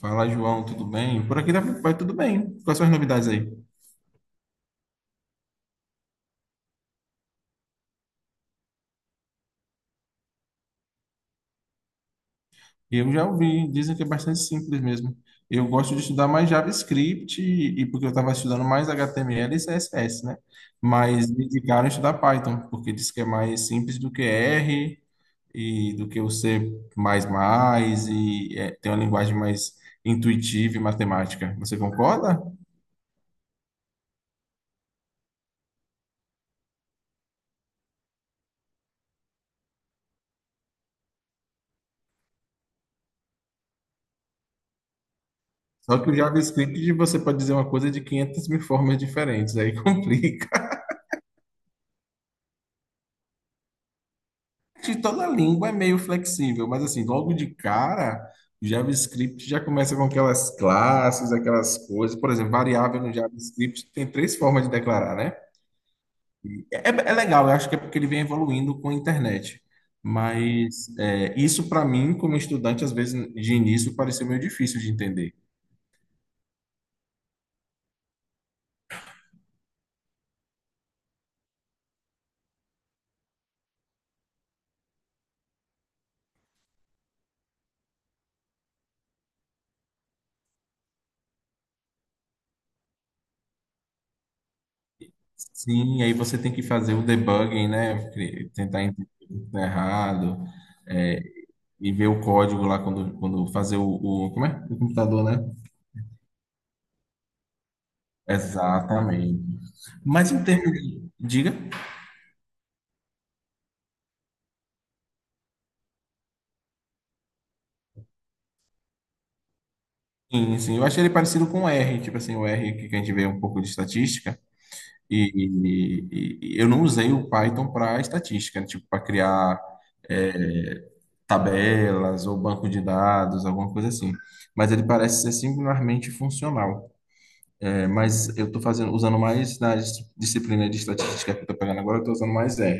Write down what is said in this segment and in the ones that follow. Fala, João, tudo bem? Por aqui vai tudo bem. Quais são as novidades aí? Eu já ouvi, dizem que é bastante simples mesmo. Eu gosto de estudar mais JavaScript e porque eu estava estudando mais HTML e CSS, né? Mas me indicaram estudar Python, porque diz que é mais simples do que R e do que o C++ e tem uma linguagem mais intuitiva e matemática. Você concorda? Só que o JavaScript você pode dizer uma coisa de 500 mil formas diferentes, aí complica. De toda língua é meio flexível, mas assim, logo de cara, o JavaScript já começa com aquelas classes, aquelas coisas. Por exemplo, variável no JavaScript tem três formas de declarar, né? É, é legal, eu acho que é porque ele vem evoluindo com a internet. Mas isso, para mim, como estudante, às vezes de início pareceu meio difícil de entender. Sim, aí você tem que fazer o debugging, né? Tentar entender o que tá errado, é, e ver o código lá quando fazer o. Como é? O computador, né? Exatamente. Mas em termos de. Diga? Sim, sim. Eu achei ele parecido com o R, tipo assim, o R que a gente vê um pouco de estatística. E, e eu não usei o Python para estatística, né? Tipo, para criar é, tabelas ou banco de dados, alguma coisa assim. Mas ele parece ser singularmente funcional. É, mas eu estou fazendo, usando mais na disciplina de estatística que eu estou pegando agora, eu estou usando mais R.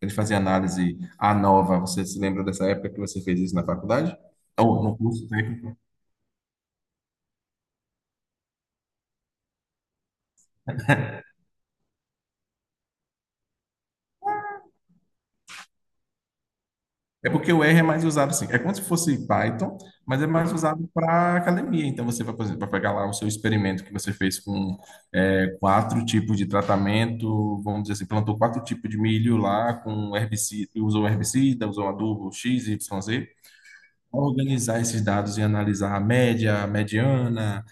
Ele fazia análise a nova. Você se lembra dessa época que você fez isso na faculdade? Ou no curso técnico? É porque o R é mais usado assim. É como se fosse Python, mas é mais usado para academia. Então você vai, por exemplo, vai pegar lá o seu experimento que você fez com quatro tipos de tratamento. Vamos dizer assim, plantou quatro tipos de milho lá com herbicida, usou adubo X, Y, Z. Organizar esses dados e analisar a média, a mediana,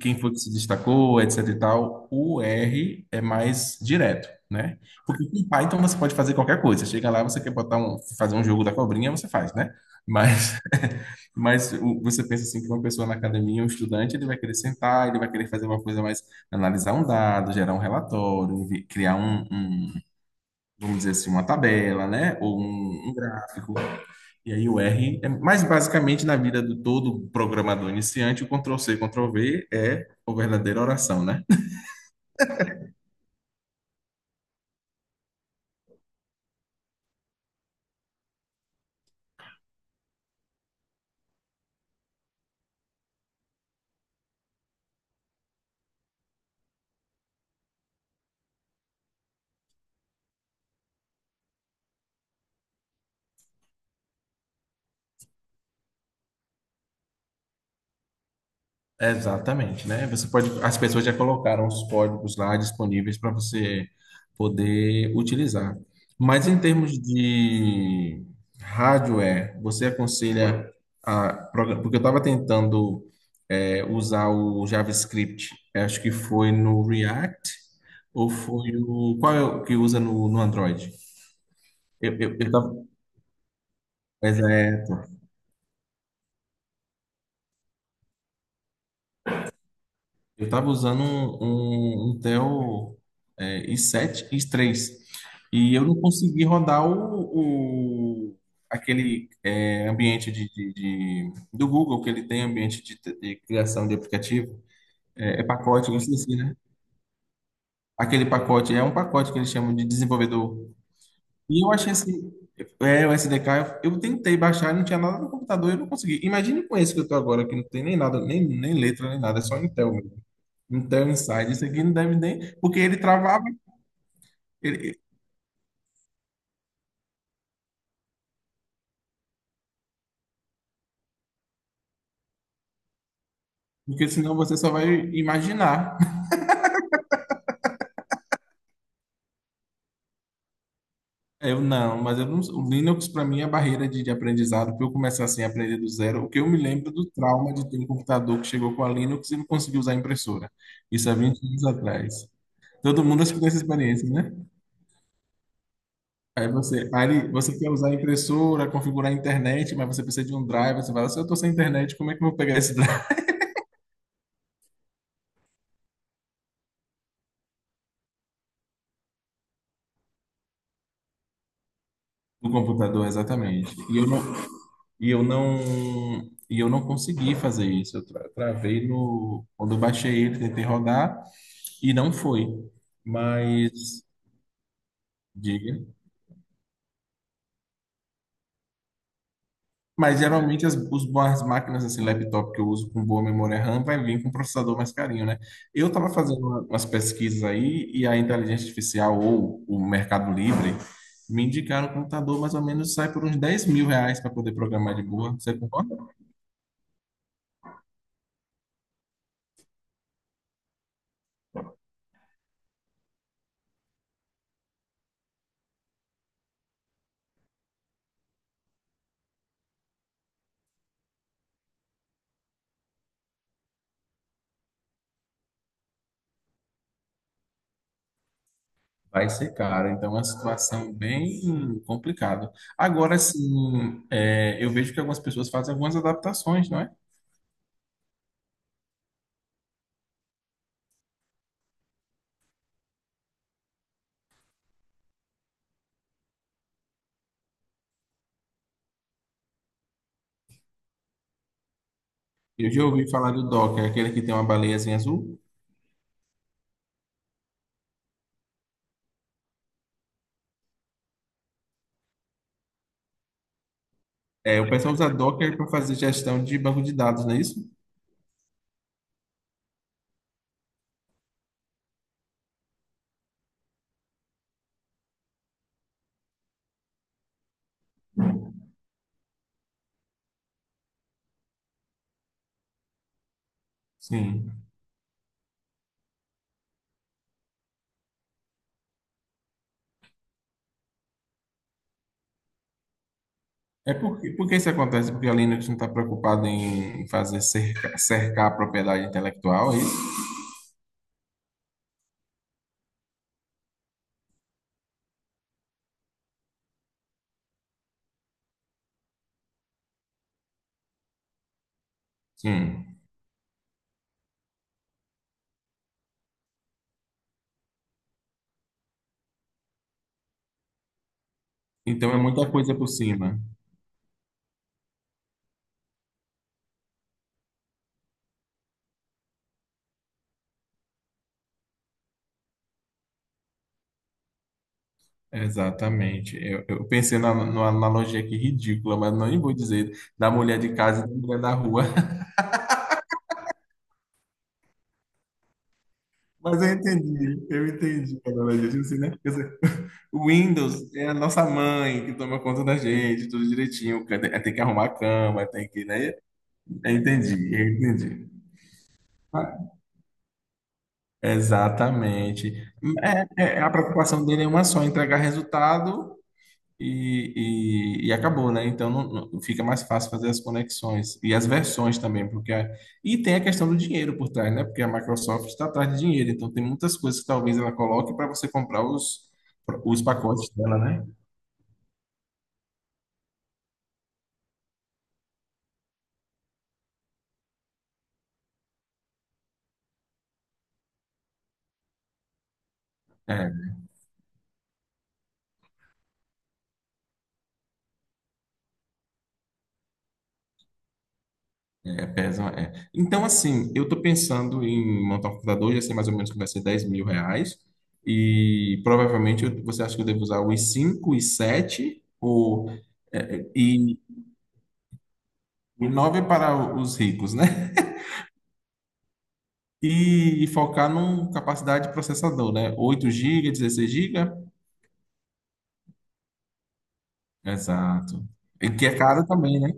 quem foi que se destacou, etc e tal, o R é mais direto, né? Porque com Python você pode fazer qualquer coisa. Você chega lá, você quer botar um, fazer um jogo da cobrinha, você faz, né? Mas, você pensa assim que uma pessoa na academia, um estudante, ele vai querer sentar, ele vai querer fazer uma coisa mais, analisar um dado, gerar um relatório, criar vamos dizer assim, uma tabela, né? Ou um gráfico. E aí o R mais basicamente na vida do todo programador iniciante, o Ctrl C, Ctrl V é a verdadeira oração, né? Exatamente, né? Você pode, as pessoas já colocaram os códigos lá disponíveis para você poder utilizar. Mas em termos de hardware, você aconselha porque eu estava tentando usar o JavaScript. Eu acho que foi no React ou foi o. Qual é o que usa no Android? Eu tava. Exato. Eu estava usando um Intel, i7, i3. E eu não consegui rodar aquele ambiente do Google que ele tem ambiente de criação de aplicativo. É, é pacote, eu esqueci, né? Aquele pacote é um pacote que eles chamam de desenvolvedor. E eu achei esse, o SDK, eu tentei baixar, não tinha nada no computador, eu não consegui. Imagine com esse que eu tô agora, que não tem nem nada, nem letra, nem nada, é só Intel mesmo. Intel Inside, isso aqui não deve nem, porque ele travava, ele- porque senão você só vai imaginar. Eu não, mas eu não, o Linux para mim é a barreira de aprendizado, para eu começar assim a aprender do zero, o que eu me lembro do trauma de ter um computador que chegou com a Linux e não conseguiu usar a impressora. Isso há 20 anos atrás. Todo mundo acho que tem essa experiência, né? Aí você quer usar a impressora, configurar a internet, mas você precisa de um drive. Você fala, se eu estou sem internet, como é que eu vou pegar esse drive no computador? Exatamente. E eu não, e eu não, e eu não consegui fazer isso. Eu travei no, quando eu baixei ele, tentei rodar e não foi. Mas, diga. Mas geralmente as, os boas máquinas, assim, laptop que eu uso com boa memória RAM, vai vir com um processador mais carinho, né? Eu estava fazendo umas pesquisas aí e a inteligência artificial ou o Mercado Livre me indicaram que um computador mais ou menos sai por uns 10 mil reais para poder programar de boa. Você concorda? Vai ser caro, então é uma situação bem complicada. Agora, sim, eu vejo que algumas pessoas fazem algumas adaptações, não é? Eu já ouvi falar do Docker, aquele que tem uma baleiazinha azul. É, o pessoal usa Docker para fazer gestão de banco de dados, não é isso? Sim. É porque, por que isso acontece? Porque a Linux não está preocupada em fazer cercar a propriedade intelectual, é isso? Sim. Então é muita coisa por cima. Exatamente. Eu pensei na, numa analogia aqui ridícula, mas não nem vou dizer da mulher de casa e da mulher da rua. Mas eu entendi a analogia. Tipo assim, né? Quer dizer, o Windows é a nossa mãe que toma conta da gente, tudo direitinho. Tem que arrumar a cama, tem que, né? Entendi, entendi. Exatamente. É, a preocupação dele é uma só, entregar resultado e acabou, né? Então não, fica mais fácil fazer as conexões e as versões também, porque e tem a questão do dinheiro por trás, né? Porque a Microsoft está atrás de dinheiro, então tem muitas coisas que talvez ela coloque para você comprar os pacotes dela, né? É, é. Então, assim, eu tô pensando em montar um computador, já sei mais ou menos que vai ser 10 mil reais, e provavelmente você acha que eu devo usar o i5, i7 ou, e i9 para os ricos, né? E focar numa capacidade de processador, né? 8 GB, 16 GB. Exato. E que é caro também, né?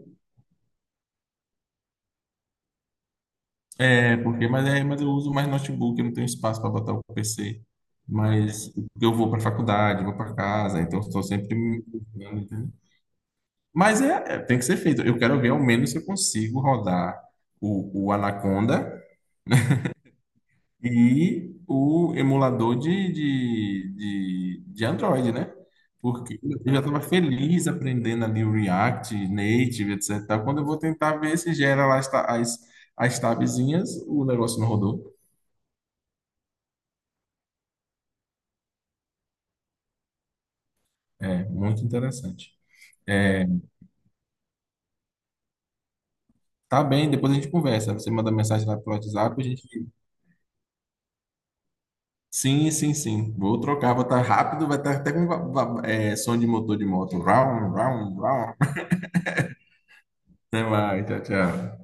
É, mas eu uso mais notebook, eu não tenho espaço para botar o PC. Mas eu vou para faculdade, vou para casa, então estou sempre me mudando, entendeu? Mas tem que ser feito. Eu quero ver ao menos se eu consigo rodar o Anaconda e o emulador de Android, né? Porque eu já estava feliz aprendendo ali o React, Native, etc. Quando eu vou tentar ver se gera lá as tabzinhas, o negócio não rodou. É, muito interessante. É, tá bem, depois a gente conversa. Você manda mensagem lá pelo WhatsApp, a gente. Sim, sim, sim. Vou trocar, vou estar rápido, vai estar até com som de motor de moto. Round, round, round. Até mais, tchau, tchau.